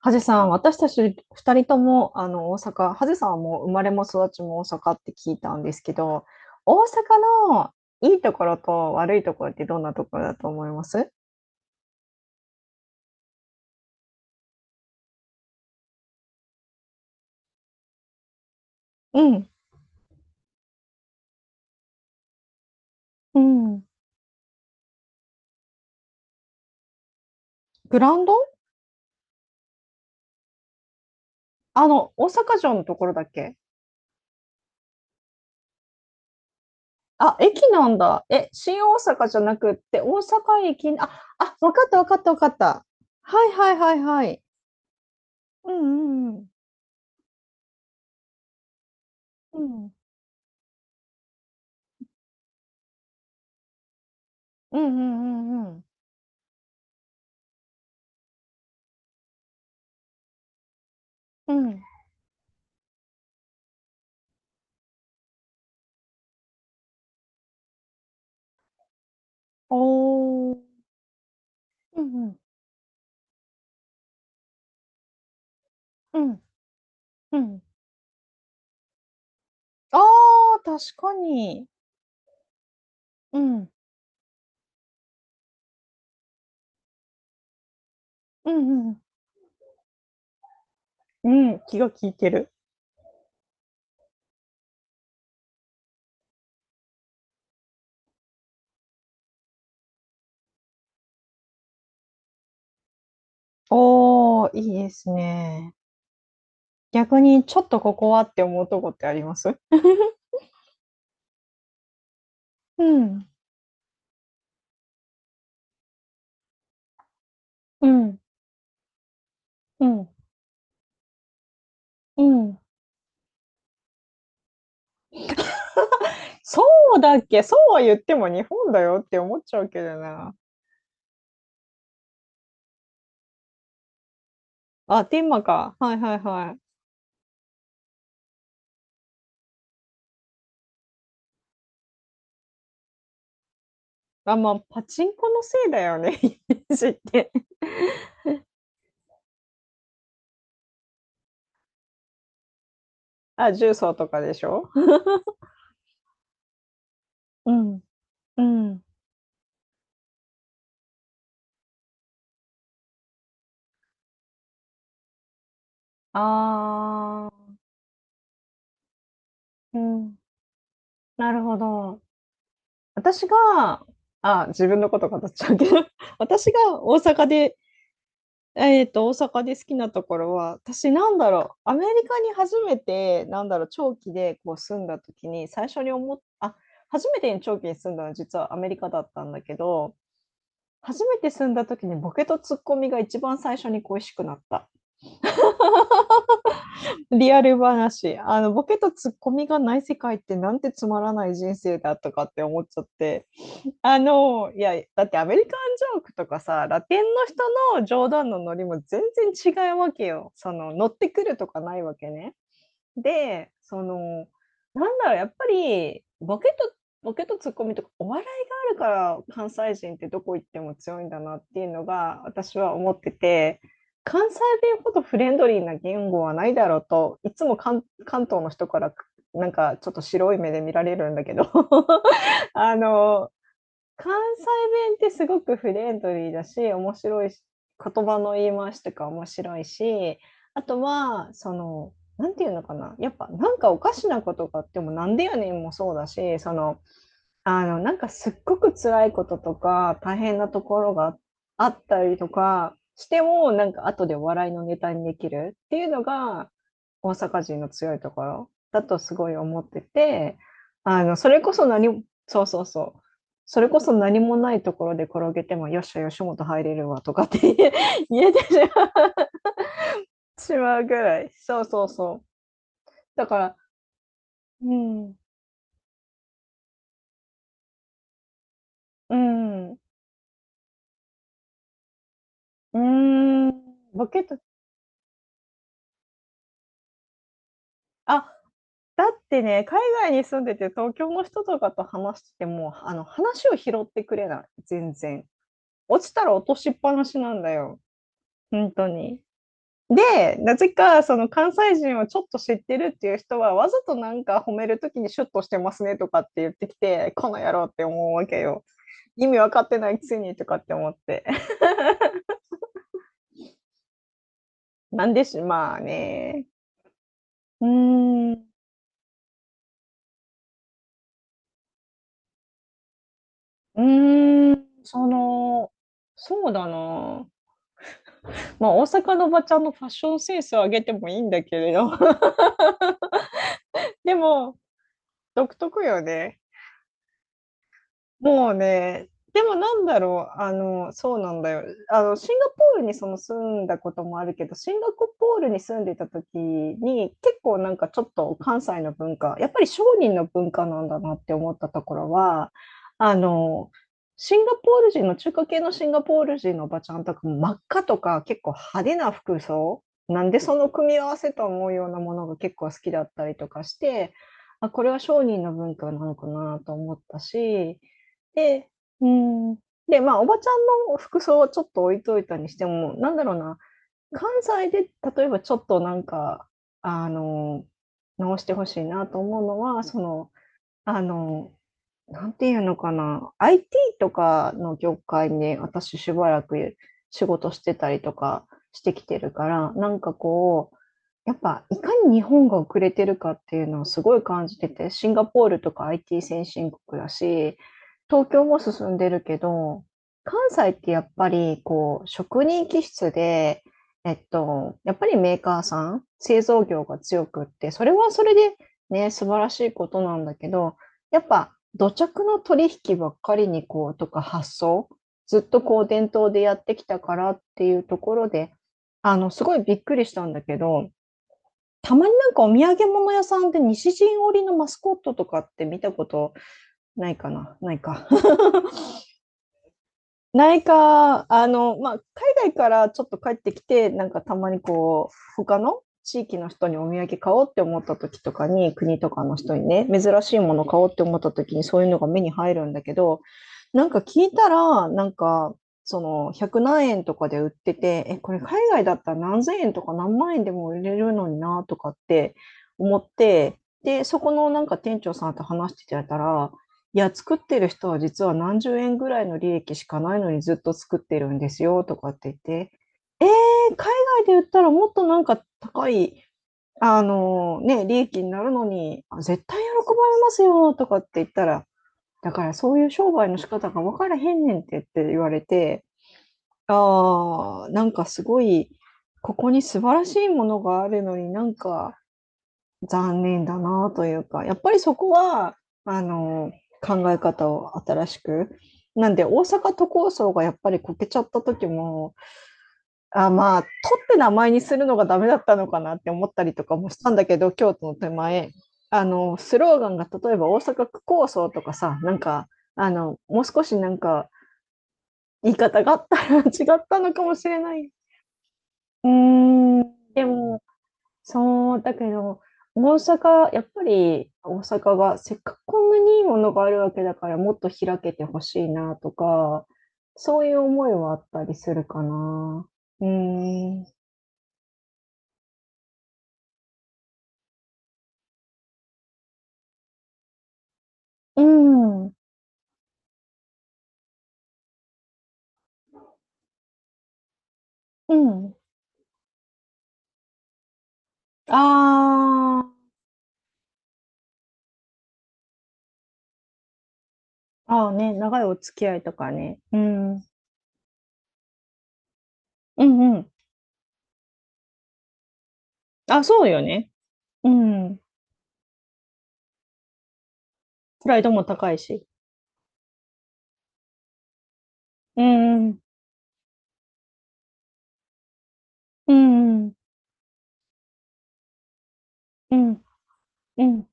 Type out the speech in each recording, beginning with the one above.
ハゼさん、私たち2人ともあの大阪、ハゼさんはもう生まれも育ちも大阪って聞いたんですけど、大阪のいいところと悪いところってどんなところだと思います？うん、うん。グランド、あの、大阪城のところだっけ？あ、駅なんだ。え、新大阪じゃなくって、大阪駅、あ、あ、わかったわかったわかった。はいはいはいはい。うんうんうん。うん。うんうんうんうん。うん。おー。うんうん。うんうん。ああ、確かに。うん。うんうんうん。うん、気が利いてる。おお、いいですね。逆にちょっとここはって思うとこってあります？うん、うん、うん、うん。そうだっけ？そうは言っても日本だよって思っちゃうけどな。あ、テーマか。はいはいはい。あ、ま、あパチンコのせいだよね、イメージって。あ、重曹とかでしょ？うん、うん。ああ、うん、なるほど。私が、あ、自分のこと語っちゃうけど、私が大阪で、大阪で好きなところは、私なんだろう、アメリカに初めて、なんだろう、長期でこう住んだ時に、最初に思っあ、初めて長期に住んだのは実はアメリカだったんだけど、初めて住んだ時にボケとツッコミが一番最初に恋しくなった。リアル話。ボケとツッコミがない世界ってなんてつまらない人生だとかって思っちゃって。いや、だってアメリカンジョークとかさ、ラテンの人の冗談のノリも全然違うわけよ。その、乗ってくるとかないわけね。で、その、なんだろう、やっぱり、ボケとツッコミとか、お笑いがあるから関西人ってどこ行っても強いんだなっていうのが、私は思ってて、関西弁ほどフレンドリーな言語はないだろうと、いつも関東の人から、なんかちょっと白い目で見られるんだけど、あの、関西弁ってすごくフレンドリーだし、面白いし、言葉の言い回しとか面白いし、あとは、その、なんていうのかな、やっぱなんかおかしなことがあっても、なんでやねんもそうだし、その、なんかすっごく辛いこととか、大変なところがあったりとかしても、なんか後で笑いのネタにできるっていうのが、大阪人の強いところだとすごい思ってて、それこそ何もそうそうそう。それこそ何もないところで転げても、よっしゃ、吉本入れるわとかって言え 言えてしまうぐらい。そうそうそう。だから、うん、うん、うーん、ボケと、あ、だってね、海外に住んでて東京の人とかと話してても、話を拾ってくれない、全然。落ちたら落としっぱなしなんだよ、本当に。で、なぜかその関西人をちょっと知ってるっていう人は、わざとなんか褒めるときにシュッとしてますねとかって言ってきて、この野郎って思うわけよ。意味わかってないくせにとかって思って。なんでしまあね。うーん、うーん、その、そうだな。まあ、大阪のおばちゃんのファッションセンスを上げてもいいんだけれど、でも、独特よね。もうね、でもなんだろう、そうなんだよ。シンガポールにその住んだこともあるけど、シンガポールに住んでた時に、結構なんかちょっと関西の文化、やっぱり商人の文化なんだなって思ったところは、あの、シンガポール人の中華系のシンガポール人のおばちゃんとかも真っ赤とか結構派手な服装、なんでその組み合わせと思うようなものが結構好きだったりとかして、あ、これは商人の文化なのかなと思ったし、で、うん。で、まあ、おばちゃんの服装はちょっと置いといたにしても、なんだろうな、関西で例えばちょっとなんか、あの、直してほしいなと思うのは、その、あの、なんていうのかな、IT とかの業界に私しばらく仕事してたりとかしてきてるから、なんかこう、やっぱいかに日本が遅れてるかっていうのをすごい感じてて、シンガポールとか IT 先進国だし、東京も進んでるけど、関西ってやっぱりこう職人気質で、やっぱりメーカーさん、製造業が強くって、それはそれでね、素晴らしいことなんだけど、やっぱ土着の取引ばっかりにこうとか発想ずっとこう伝統でやってきたからっていうところで、すごいびっくりしたんだけど、たまになんかお土産物屋さんで西陣織のマスコットとかって見たことないかな、ないか ないか、まあ、海外からちょっと帰ってきて、なんかたまにこう、他の地域の人にお土産買おうって思った時とかに、国とかの人にね、珍しいもの買おうって思った時にそういうのが目に入るんだけど、なんか聞いたら、なんか、その100何円とかで売ってて、え、これ海外だったら何千円とか何万円でも売れるのになとかって思って、で、そこのなんか店長さんと話してたら、いや、作ってる人は実は何十円ぐらいの利益しかないのにずっと作ってるんですよとかって言って、え、海外で売ったらもっとなんか高い、あのね、利益になるのに、あ絶対喜ばれますよとかって言ったら、だからそういう商売の仕方が分からへんねんってって言われて、ああ、なんかすごい、ここに素晴らしいものがあるのになんか残念だなというか、やっぱりそこは、あの、考え方を新しく。なんで大阪都構想がやっぱりこけちゃった時も、あ、まあ、取って名前にするのがダメだったのかなって思ったりとかもしたんだけど、京都の手前、スローガンが例えば大阪区構想とかさ、なんか、もう少しなんか言い方があったら違ったのかもしれない。でも、そう、だけど、大阪、やっぱり大阪がせっかくこんなにいいものがあるわけだからもっと開けてほしいなとか、そういう思いはあったりするかな。うーん。うん。うん。ああ、ああ、ね、長いお付き合いとかね。うん。うんうん。あ、そうよね。うん。プライドも高いし。うんうん。うんうん。うんうん。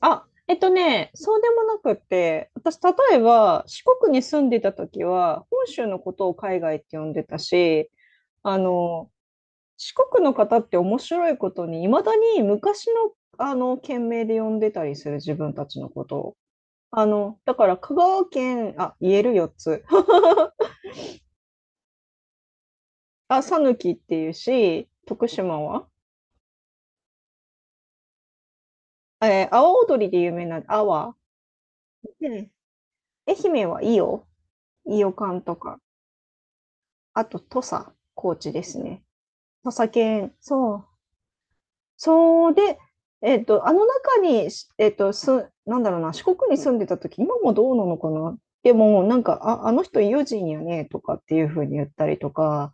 あ、そうでもなくって、私、例えば、四国に住んでた時は、本州のことを海外って呼んでたし、あの、四国の方って面白いことに、いまだに昔の、県名で呼んでたりする、自分たちのことを。だから香川県、あ、言える4つ。あ、さぬきっていうし、徳島はえー、阿波踊りで有名な阿波。で愛媛は伊予、伊予館とか、あと土佐、高知ですね。土佐犬、そう。そうで、えっと、あの中に、しえっと、す、なんだろうな、四国に住んでた時、今もどうなのかな。でも、なんか、あ、あの人、伊予人やね、とかっていう風に言ったりとか、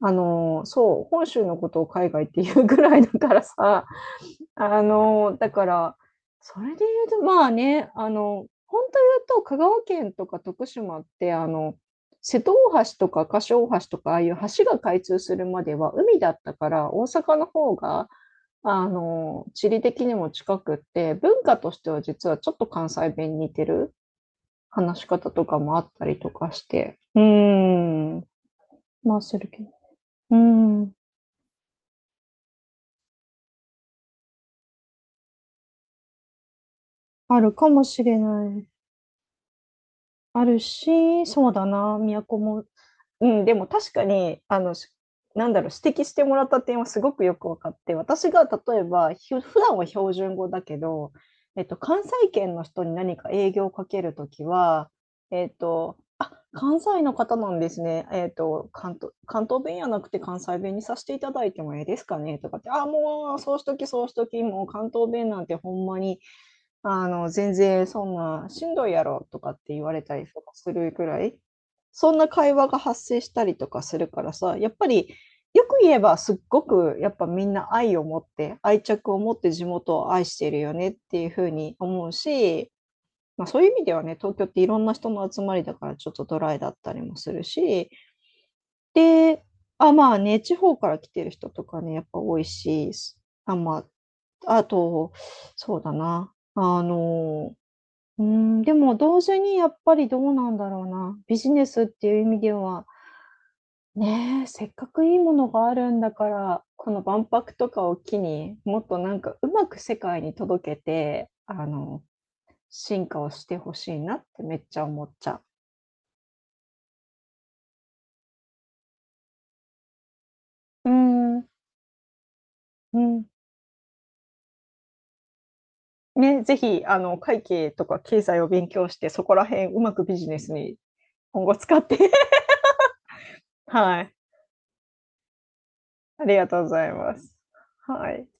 あのーそう、本州のことを海外っていうぐらいだからさ、だから、それで言うと、まあね、本当言うと、香川県とか徳島って、瀬戸大橋とか柏大橋とか、ああいう橋が開通するまでは海だったから、大阪の方が、地理的にも近くって、文化としては実はちょっと関西弁に似てる話し方とかもあったりとかして。うーん。まあ、するけど。うーん。あるかもしれない。あるし、そうだな、宮古もうん、でも確かに、なんだろう、指摘してもらった点はすごくよく分かって、私が例えば、普段は標準語だけど、関西圏の人に何か営業をかけるときは、「あ、関西の方なんですね。関東弁やなくて関西弁にさせていただいてもええですかね」とかって、「あ、もう、そうしとき、もう関東弁なんてほんまに全然そんな「しんどいやろ」とかって言われたりとかするぐらい、そんな会話が発生したりとかするからさ、やっぱり、よく言えばすっごくやっぱみんな愛を持って、愛着を持って地元を愛してるよねっていう風に思うし、まあ、そういう意味ではね、東京っていろんな人の集まりだからちょっとドライだったりもするし、で、あ、まあね、地方から来てる人とかね、やっぱ多いし、あ、まあ、あと、そうだな、あのうーん、でも同時にやっぱりどうなんだろうな、ビジネスっていう意味では、ねえ、せっかくいいものがあるんだから、この万博とかを機に、もっとなんかうまく世界に届けて、進化をしてほしいなってめっちゃ思っちゃう。うーん、うん。ね、ぜひあの、会計とか経済を勉強して、そこら辺うまくビジネスに今後使って はい、ありがとうございます。はい。